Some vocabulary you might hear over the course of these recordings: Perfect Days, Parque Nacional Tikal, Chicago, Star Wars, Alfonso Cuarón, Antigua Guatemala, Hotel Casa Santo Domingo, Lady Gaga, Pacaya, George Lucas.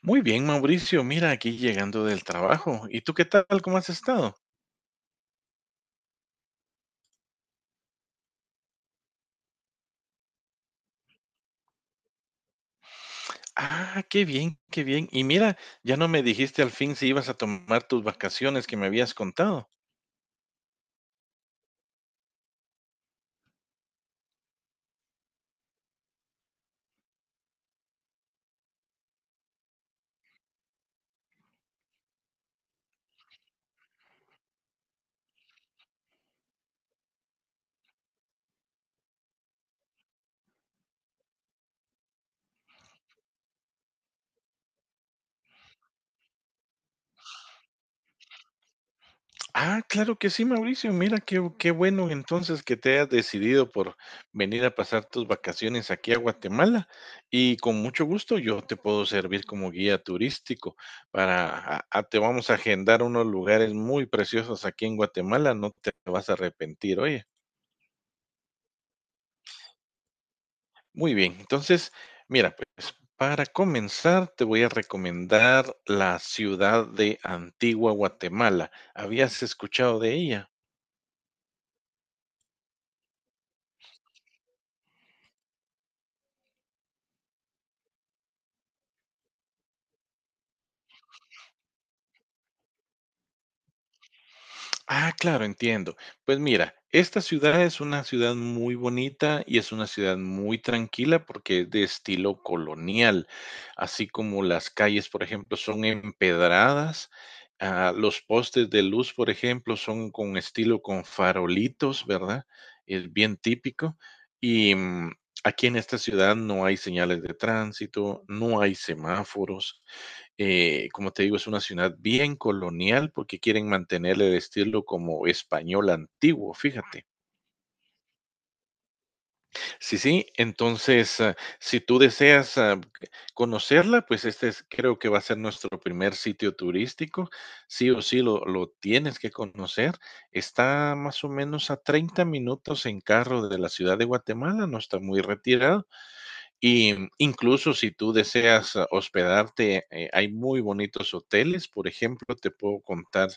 Muy bien, Mauricio. Mira, aquí llegando del trabajo. ¿Y tú qué tal? ¿Cómo has estado? Ah, qué bien, qué bien. Y mira, ya no me dijiste al fin si ibas a tomar tus vacaciones que me habías contado. Ah, claro que sí, Mauricio. Mira, qué bueno entonces que te has decidido por venir a pasar tus vacaciones aquí a Guatemala. Y con mucho gusto yo te puedo servir como guía turístico para, te vamos a agendar unos lugares muy preciosos aquí en Guatemala. No te vas a arrepentir, oye. Muy bien, entonces, mira, pues para comenzar te voy a recomendar la ciudad de Antigua Guatemala. ¿Habías escuchado de ella? Ah, claro, entiendo. Pues mira, esta ciudad es una ciudad muy bonita y es una ciudad muy tranquila porque es de estilo colonial, así como las calles, por ejemplo, son empedradas. Ah, los postes de luz, por ejemplo, son con estilo con farolitos, ¿verdad? Es bien típico. Y aquí en esta ciudad no hay señales de tránsito, no hay semáforos. Como te digo, es una ciudad bien colonial porque quieren mantener el estilo como español antiguo, fíjate. Sí, sí, entonces, si tú deseas conocerla, pues este es, creo que va a ser nuestro primer sitio turístico. Sí o sí lo tienes que conocer. Está más o menos a 30 minutos en carro de la ciudad de Guatemala, no está muy retirado. Y incluso si tú deseas hospedarte, hay muy bonitos hoteles. Por ejemplo, te puedo contar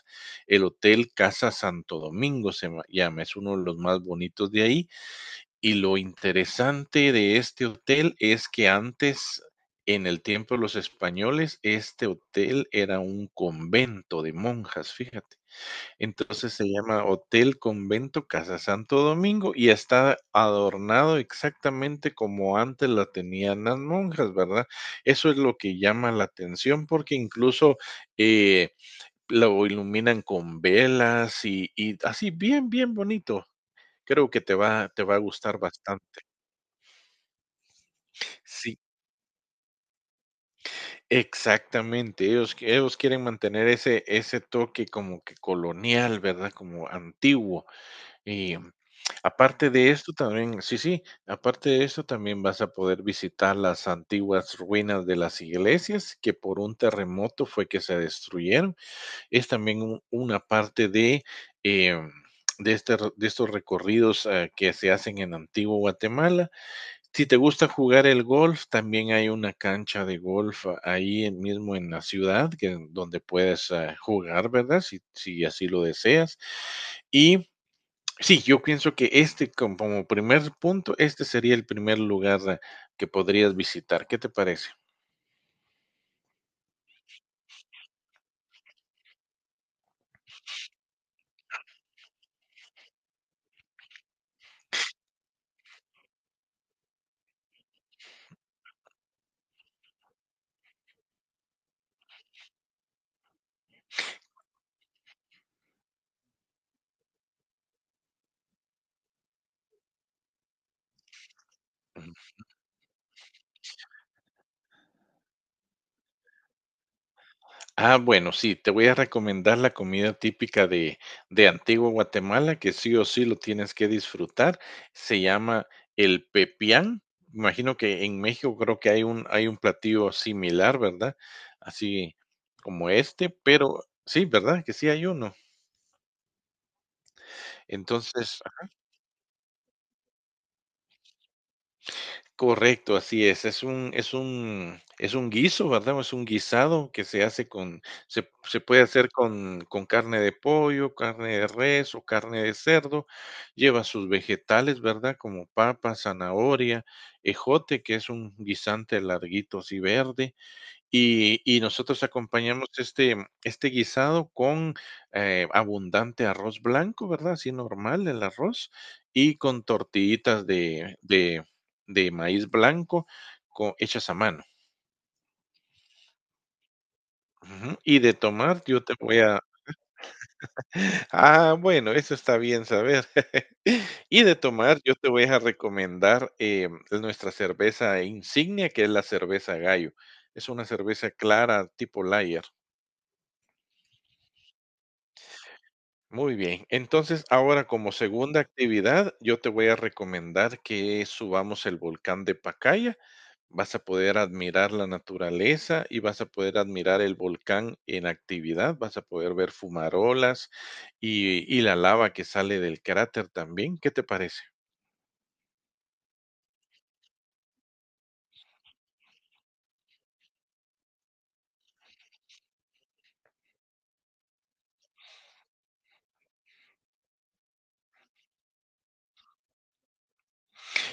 el Hotel Casa Santo Domingo, llama, es uno de los más bonitos de ahí. Y lo interesante de este hotel es que antes, en el tiempo de los españoles, este hotel era un convento de monjas, fíjate. Entonces se llama Hotel Convento Casa Santo Domingo y está adornado exactamente como antes la tenían las monjas, ¿verdad? Eso es lo que llama la atención porque incluso eh, lo iluminan con velas y así bien, bien bonito. Creo que te va a gustar bastante. Sí, exactamente. Ellos quieren mantener ese toque como que colonial, ¿verdad? Como antiguo. Y aparte de esto también, sí, sí, aparte de esto también vas a poder visitar las antiguas ruinas de las iglesias que por un terremoto fue que se destruyeron. Es también una parte eh, de estos recorridos que se hacen en Antiguo Guatemala. Si te gusta jugar el golf, también hay una cancha de golf ahí mismo en la ciudad que, donde puedes jugar, ¿verdad? Si así lo deseas. Y sí, yo pienso que este, como primer punto, este sería el primer lugar que podrías visitar, ¿qué te parece? Ujú. Ah, bueno, sí, te voy a recomendar la comida típica de Antigua Guatemala, que sí o sí lo tienes que disfrutar, se llama el pepián. Imagino que en México creo que hay un platillo similar, ¿verdad? Así como este, pero sí, ¿verdad? Que sí hay uno. Entonces. Correcto, así es. Es un guiso, ¿verdad? Es un guisado que se hace con, se puede hacer con carne de pollo, carne de res o carne de cerdo. Lleva sus vegetales, ¿verdad? Como papa, zanahoria, ejote, que es un guisante larguito así verde, y nosotros acompañamos este guisado con, abundante arroz blanco, ¿verdad? Así normal el arroz, y con tortillitas de maíz blanco co hechas a mano. Ujú. Y de tomar, yo te voy a bueno, eso está bien saber. Y de tomar, yo te voy a recomendar, nuestra cerveza insignia, que es la cerveza Gallo. Es una cerveza clara tipo lager. Muy bien. Entonces, ahora como segunda actividad, yo te voy a recomendar que subamos el volcán de Pacaya. Vas a poder admirar la naturaleza y vas a poder admirar el volcán en actividad. Vas a poder ver fumarolas y la lava que sale del cráter también. ¿Qué te parece?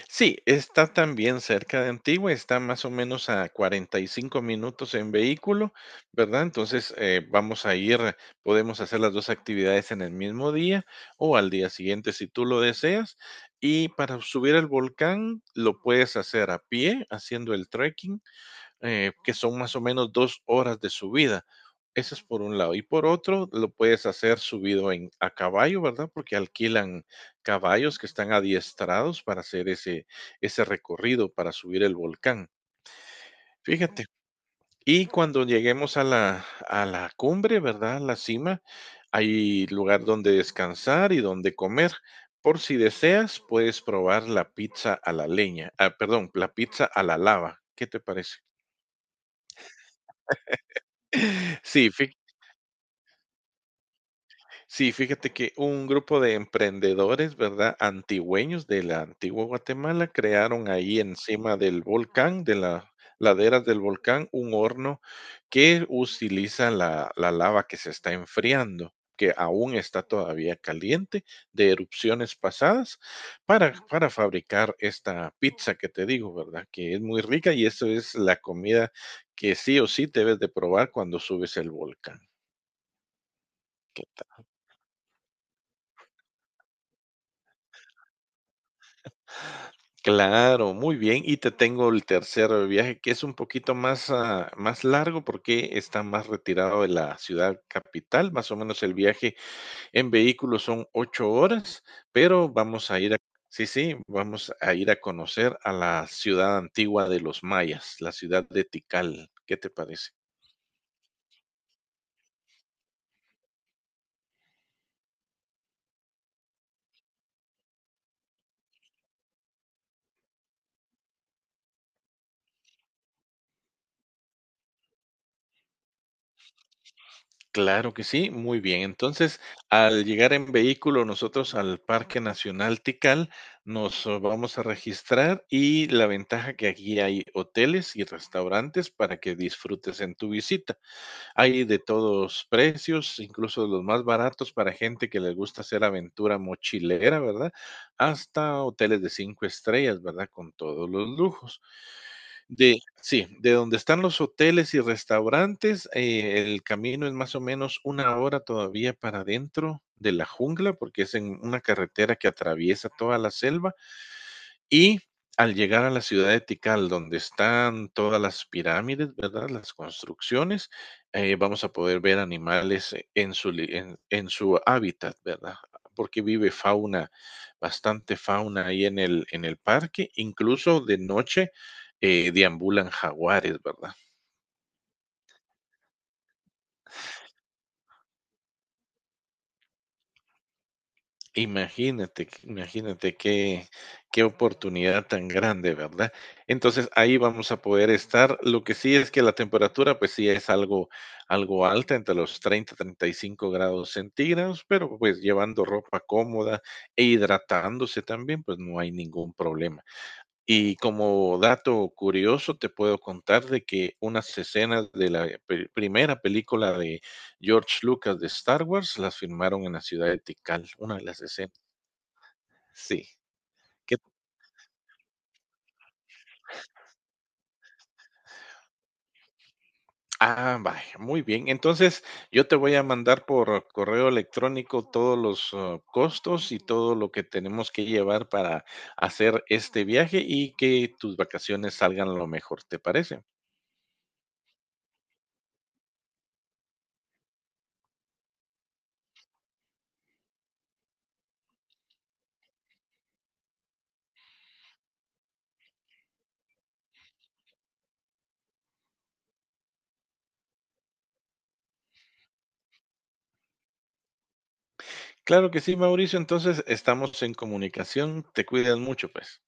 Sí, está también cerca de Antigua, está más o menos a 45 minutos en vehículo, ¿verdad? Entonces, vamos a ir, podemos hacer las dos actividades en el mismo día o al día siguiente si tú lo deseas. Y para subir al volcán lo puedes hacer a pie, haciendo el trekking, que son más o menos 2 horas de subida. Eso es por un lado. Y por otro, lo puedes hacer subido en, a caballo, ¿verdad? Porque alquilan caballos que están adiestrados para hacer ese recorrido, para subir el volcán. Fíjate. Y cuando lleguemos a la cumbre, ¿verdad? A la cima, hay lugar donde descansar y donde comer. Por si deseas, puedes probar la pizza a la leña. Ah, perdón, la pizza a la lava. ¿Qué te parece? Sí, fíjate. Sí, fíjate que un grupo de emprendedores, ¿verdad? Antigüeños de la antigua Guatemala crearon ahí encima del volcán, de las laderas del volcán, un horno que utiliza la lava que se está enfriando, que aún está todavía caliente de erupciones pasadas, para fabricar esta pizza que te digo, ¿verdad? Que es muy rica y eso es la comida que sí o sí debes de probar cuando subes el volcán. Claro, muy bien. Y te tengo el tercer viaje, que es un poquito más largo porque está más retirado de la ciudad capital. Más o menos el viaje en vehículo son 8 horas, pero vamos a ir a, sí, sí, vamos a ir a conocer a la ciudad antigua de los mayas, la ciudad de Tikal. ¿Qué te parece? Claro que sí, muy bien. Entonces, al llegar en vehículo nosotros al Parque Nacional Tikal, nos vamos a registrar y la ventaja que aquí hay hoteles y restaurantes para que disfrutes en tu visita. Hay de todos precios, incluso los más baratos para gente que les gusta hacer aventura mochilera, ¿verdad? Hasta hoteles de 5 estrellas, ¿verdad? Con todos los lujos. De sí, de donde están los hoteles y restaurantes, el camino es más o menos 1 hora todavía para adentro de la jungla, porque es en una carretera que atraviesa toda la selva, y al llegar a la ciudad de Tikal, donde están todas las pirámides, ¿verdad? Las construcciones, vamos a poder ver animales en su hábitat, ¿verdad? Porque vive fauna, bastante fauna ahí en el parque, incluso de noche deambulan jaguares, ¿verdad? Imagínate, imagínate qué oportunidad tan grande, ¿verdad? Entonces ahí vamos a poder estar. Lo que sí es que la temperatura, pues sí es algo alta, entre los 30 y 35 grados centígrados, pero pues llevando ropa cómoda e hidratándose también, pues no hay ningún problema. Y como dato curioso, te puedo contar de que unas escenas de la primera película de George Lucas de Star Wars las filmaron en la ciudad de Tikal, una de las escenas. Sí. ¿Qué? Ah, vaya, muy bien. Entonces, yo te voy a mandar por correo electrónico todos los costos y todo lo que tenemos que llevar para hacer este viaje y que tus vacaciones salgan lo mejor, ¿te parece? Claro que sí, Mauricio. Entonces, estamos en comunicación. Te cuidas mucho, pues.